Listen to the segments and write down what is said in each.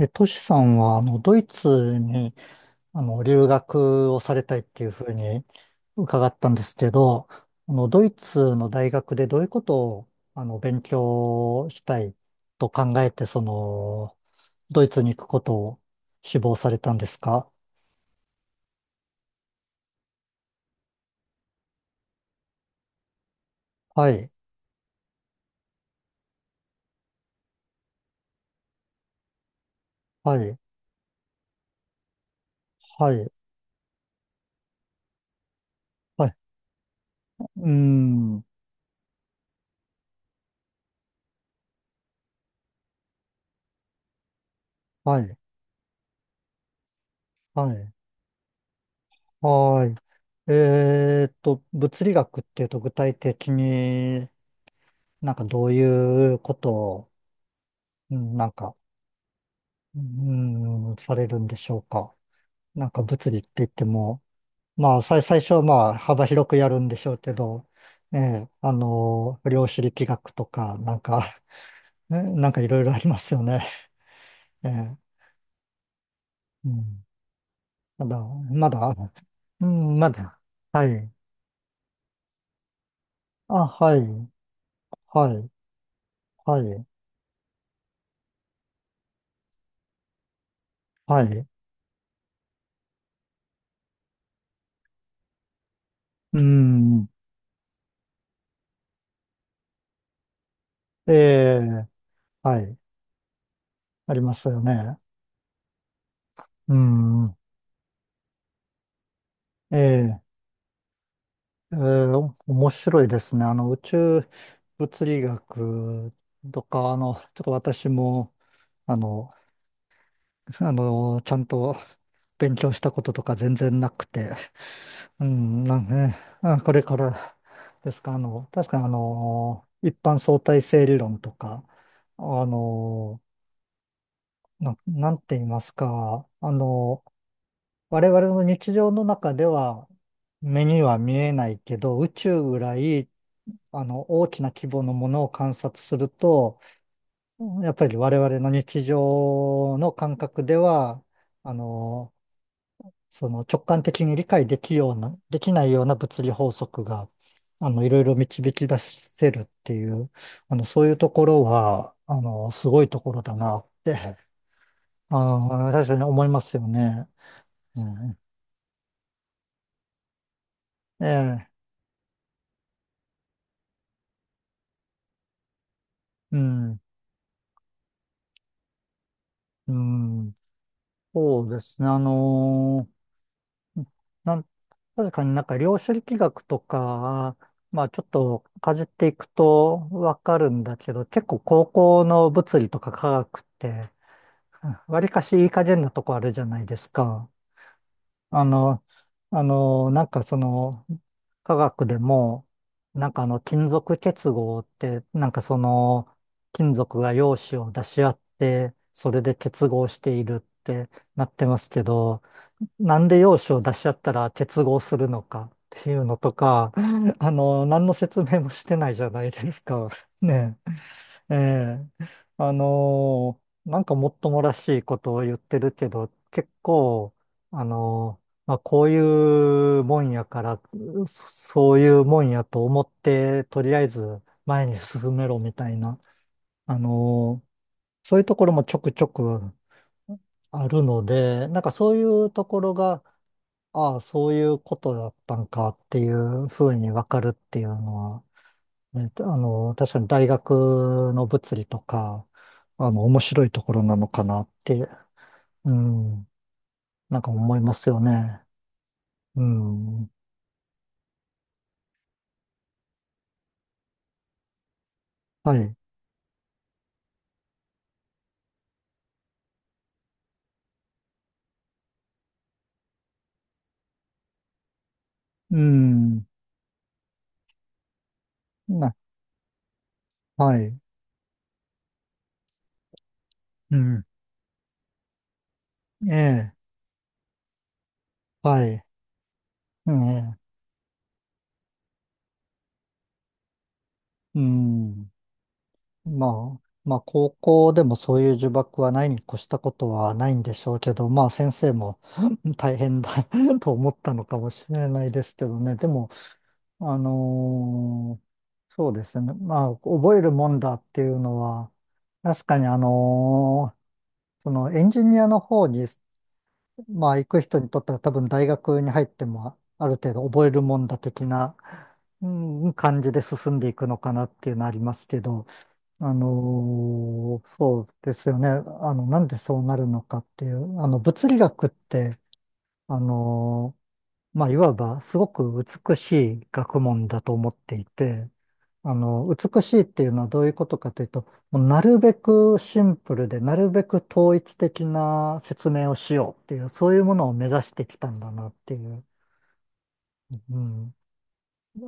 トシさんは、ドイツに、留学をされたいっていうふうに伺ったんですけど、ドイツの大学でどういうことを、勉強したいと考えて、ドイツに行くことを志望されたんですか？はい、はい、はい、はい、うーん、はい、はい、はい。物理学っていうと具体的になんかどういうことを、うんなんか、うん、されるんでしょうか。なんか物理って言っても、まあ、最初はまあ、幅広くやるんでしょうけど、ええ、あの、量子力学とか、なんか、なんかいろいろありますよね。ええ、うん。ただ、まだ、うん、まだ、はい。あ、はい、はい、はい、はい。うん、ええ、はい、ありますよね。うん、えええー、面白いですね。あの、宇宙物理学とか、あの、ちょっと私も、あの、あの、ちゃんと勉強したこととか全然なくて、うん、なんかね、あ、これからですか。あの、確かにあの、一般相対性理論とか、あの、なんて言いますか、あの、我々の日常の中では目には見えないけど、宇宙ぐらいあの、大きな規模のものを観察すると、やっぱり我々の日常の感覚では、あの、その直感的に理解できるような、できないような物理法則が、あの、いろいろ導き出せるっていう、あの、そういうところは、あの、すごいところだなって、あー、確かに思いますよね。うん、ええ、うん、うん、そうですね。あのーうんなん、確かになんか量子力学とか、まあちょっとかじっていくとわかるんだけど、結構高校の物理とか科学って、わりかしいい加減なとこあるじゃないですか。あの、あの、なんかその、科学でも、なんかあの、金属結合って、なんかその、金属が陽子を出し合って、それで結合しているってなってますけど、なんで要旨を出しちゃったら結合するのかっていうのとか、あの、何の説明もしてないじゃないですか。ねえ。ええあのなんかもっともらしいことを言ってるけど、結構、あのまあ、こういうもんやから、そういうもんやと思って、とりあえず前に進めろみたいな、あのーそういうところもちょくちょくあるので、なんかそういうところが、ああ、そういうことだったんかっていうふうにわかるっていうのは、ね、あの、確かに大学の物理とか、あの、面白いところなのかなって、うん、なんか思いますよね。うん。はい。うん。な、はい。うん。ええ。はい。ええ。うん。まあ、まあ、高校でもそういう呪縛はないに越したことはないんでしょうけど、まあ、先生も 大変だ と思ったのかもしれないですけどね。でも、あのーそうですね。まあ、覚えるもんだっていうのは、確かにそのエンジニアの方に、まあ、行く人にとっては多分大学に入っても、ある程度覚えるもんだ的な、うん、感じで進んでいくのかなっていうのはありますけど、そうですよね。あの、なんでそうなるのかっていう、あの、物理学って、あのまあ、いわばすごく美しい学問だと思っていて、あの、美しいっていうのはどういうことかというと、もうなるべくシンプルで、なるべく統一的な説明をしようっていう、そういうものを目指してきたんだなっていう。うん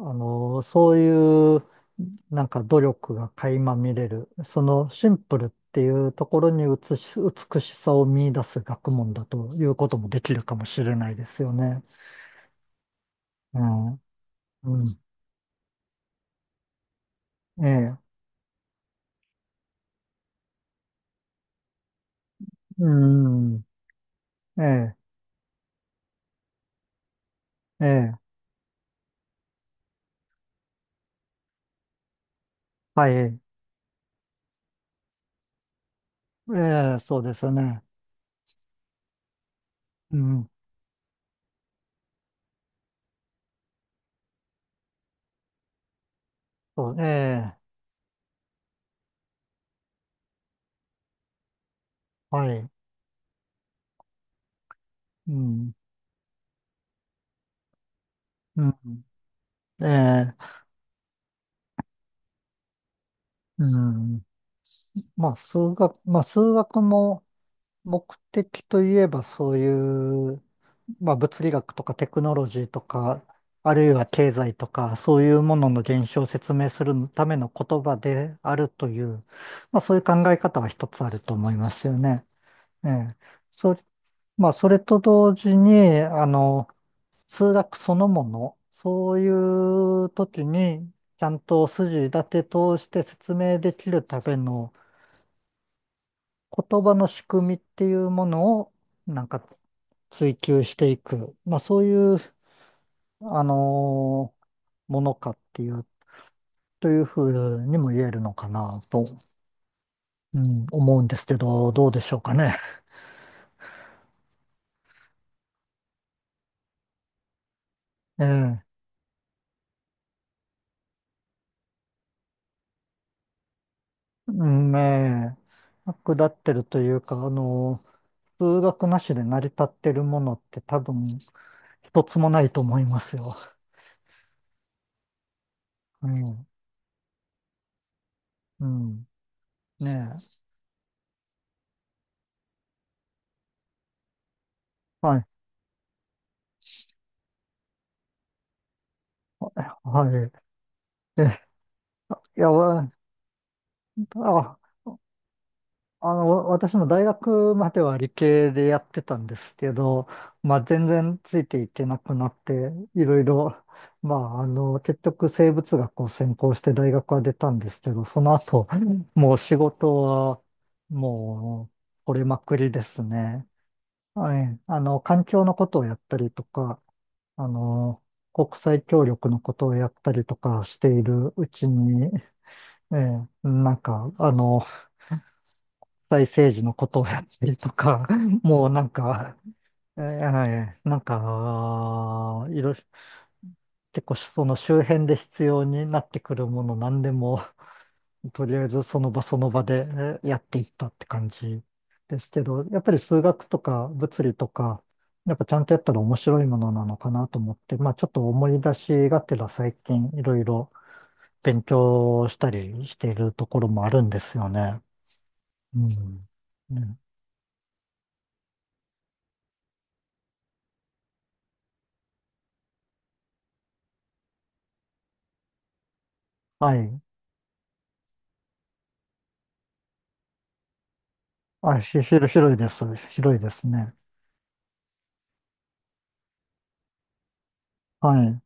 あの、そういう、なんか努力が垣間見れる、そのシンプルっていうところに美しさを見出す学問だということもできるかもしれないですよね。うん。うん。ええ。うん。ええ。ええ。はい。ええ、そうですよね。うん。そう、ええ。はい。うん。うん。ええ。うん。まあ、まあ、数学も、目的といえばそういう、まあ、物理学とかテクノロジーとか、あるいは経済とか、そういうものの現象を説明するための言葉であるという、まあ、そういう考え方は一つあると思いますよね。ええ。それ、まあ、それと同時に、あの、数学そのもの、そういう時に、ちゃんと筋立て通して説明できるための言葉の仕組みっていうものを、なんか追求していく、まあそういう、あのーものかっていう、というふうにも言えるのかなと、うん、思うんですけど、どうでしょうかね。ええ、うんねえ、下ってるというか、数学なしで成り立ってるものって多分一つもないと思いますよ。うん、うん、ねえ、はい、はい。え、いや、わあ、あの、私も大学までは理系でやってたんですけど、まあ全然ついていけなくなって、いろいろ、まああの、結局生物学を専攻して大学は出たんですけど、その後、もう仕事はも折れまくりですね。はい。あの、環境のことをやったりとか、あの、国際協力のことをやったりとかしているうちに、ええ、なんか、あの、際政治のことをやったりとか、もうなんか、なんか、いろいろ、結構その周辺で必要になってくるもの何でも、とりあえずその場その場でやっていったって感じですけど、やっぱり数学とか物理とか、やっぱちゃんとやったら面白いものなのかなと思って、まあちょっと思い出しがてら最近いろいろ勉強したりしているところもあるんですよね。うん。ねはい。あ、ひ、ひろ広いです。広いですね。はい。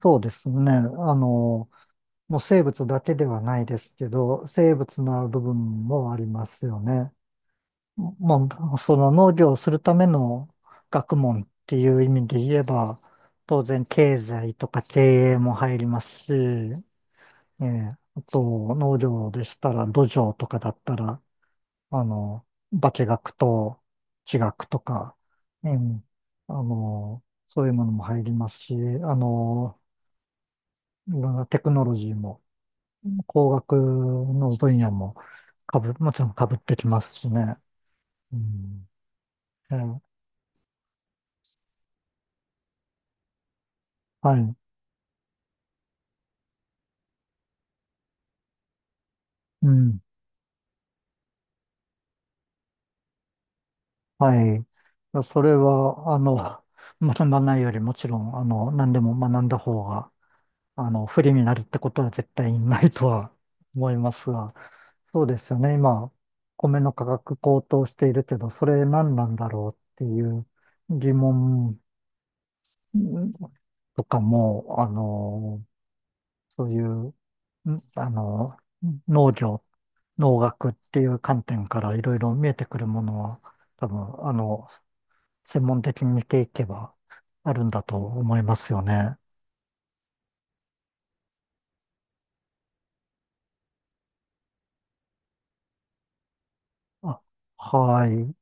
そうですね。あの、もう生物だけではないですけど、生物の部分もありますよね。もその農業をするための学問っていう意味で言えば、当然経済とか経営も入りますし、ええあと農業でしたら土壌とかだったら、あの、化学と地学とか、うん、あの、そういうものも入りますし、あの、いろんなテクノロジーも、工学の分野もかぶ、もちろんかぶってきますしね。うん、えーはい。うん。はい。それは、あの、学ばないよりもちろん、あの、何でも学んだ方が、あの、不利になるってことは絶対にないとは思いますが、そうですよね。今、米の価格高騰しているけど、それ何なんだろうっていう疑問んとかも、あの、そういう、あの、農業、農学っていう観点からいろいろ見えてくるものは、多分、あの、専門的に見ていけばあるんだと思いますよね。あ、はい。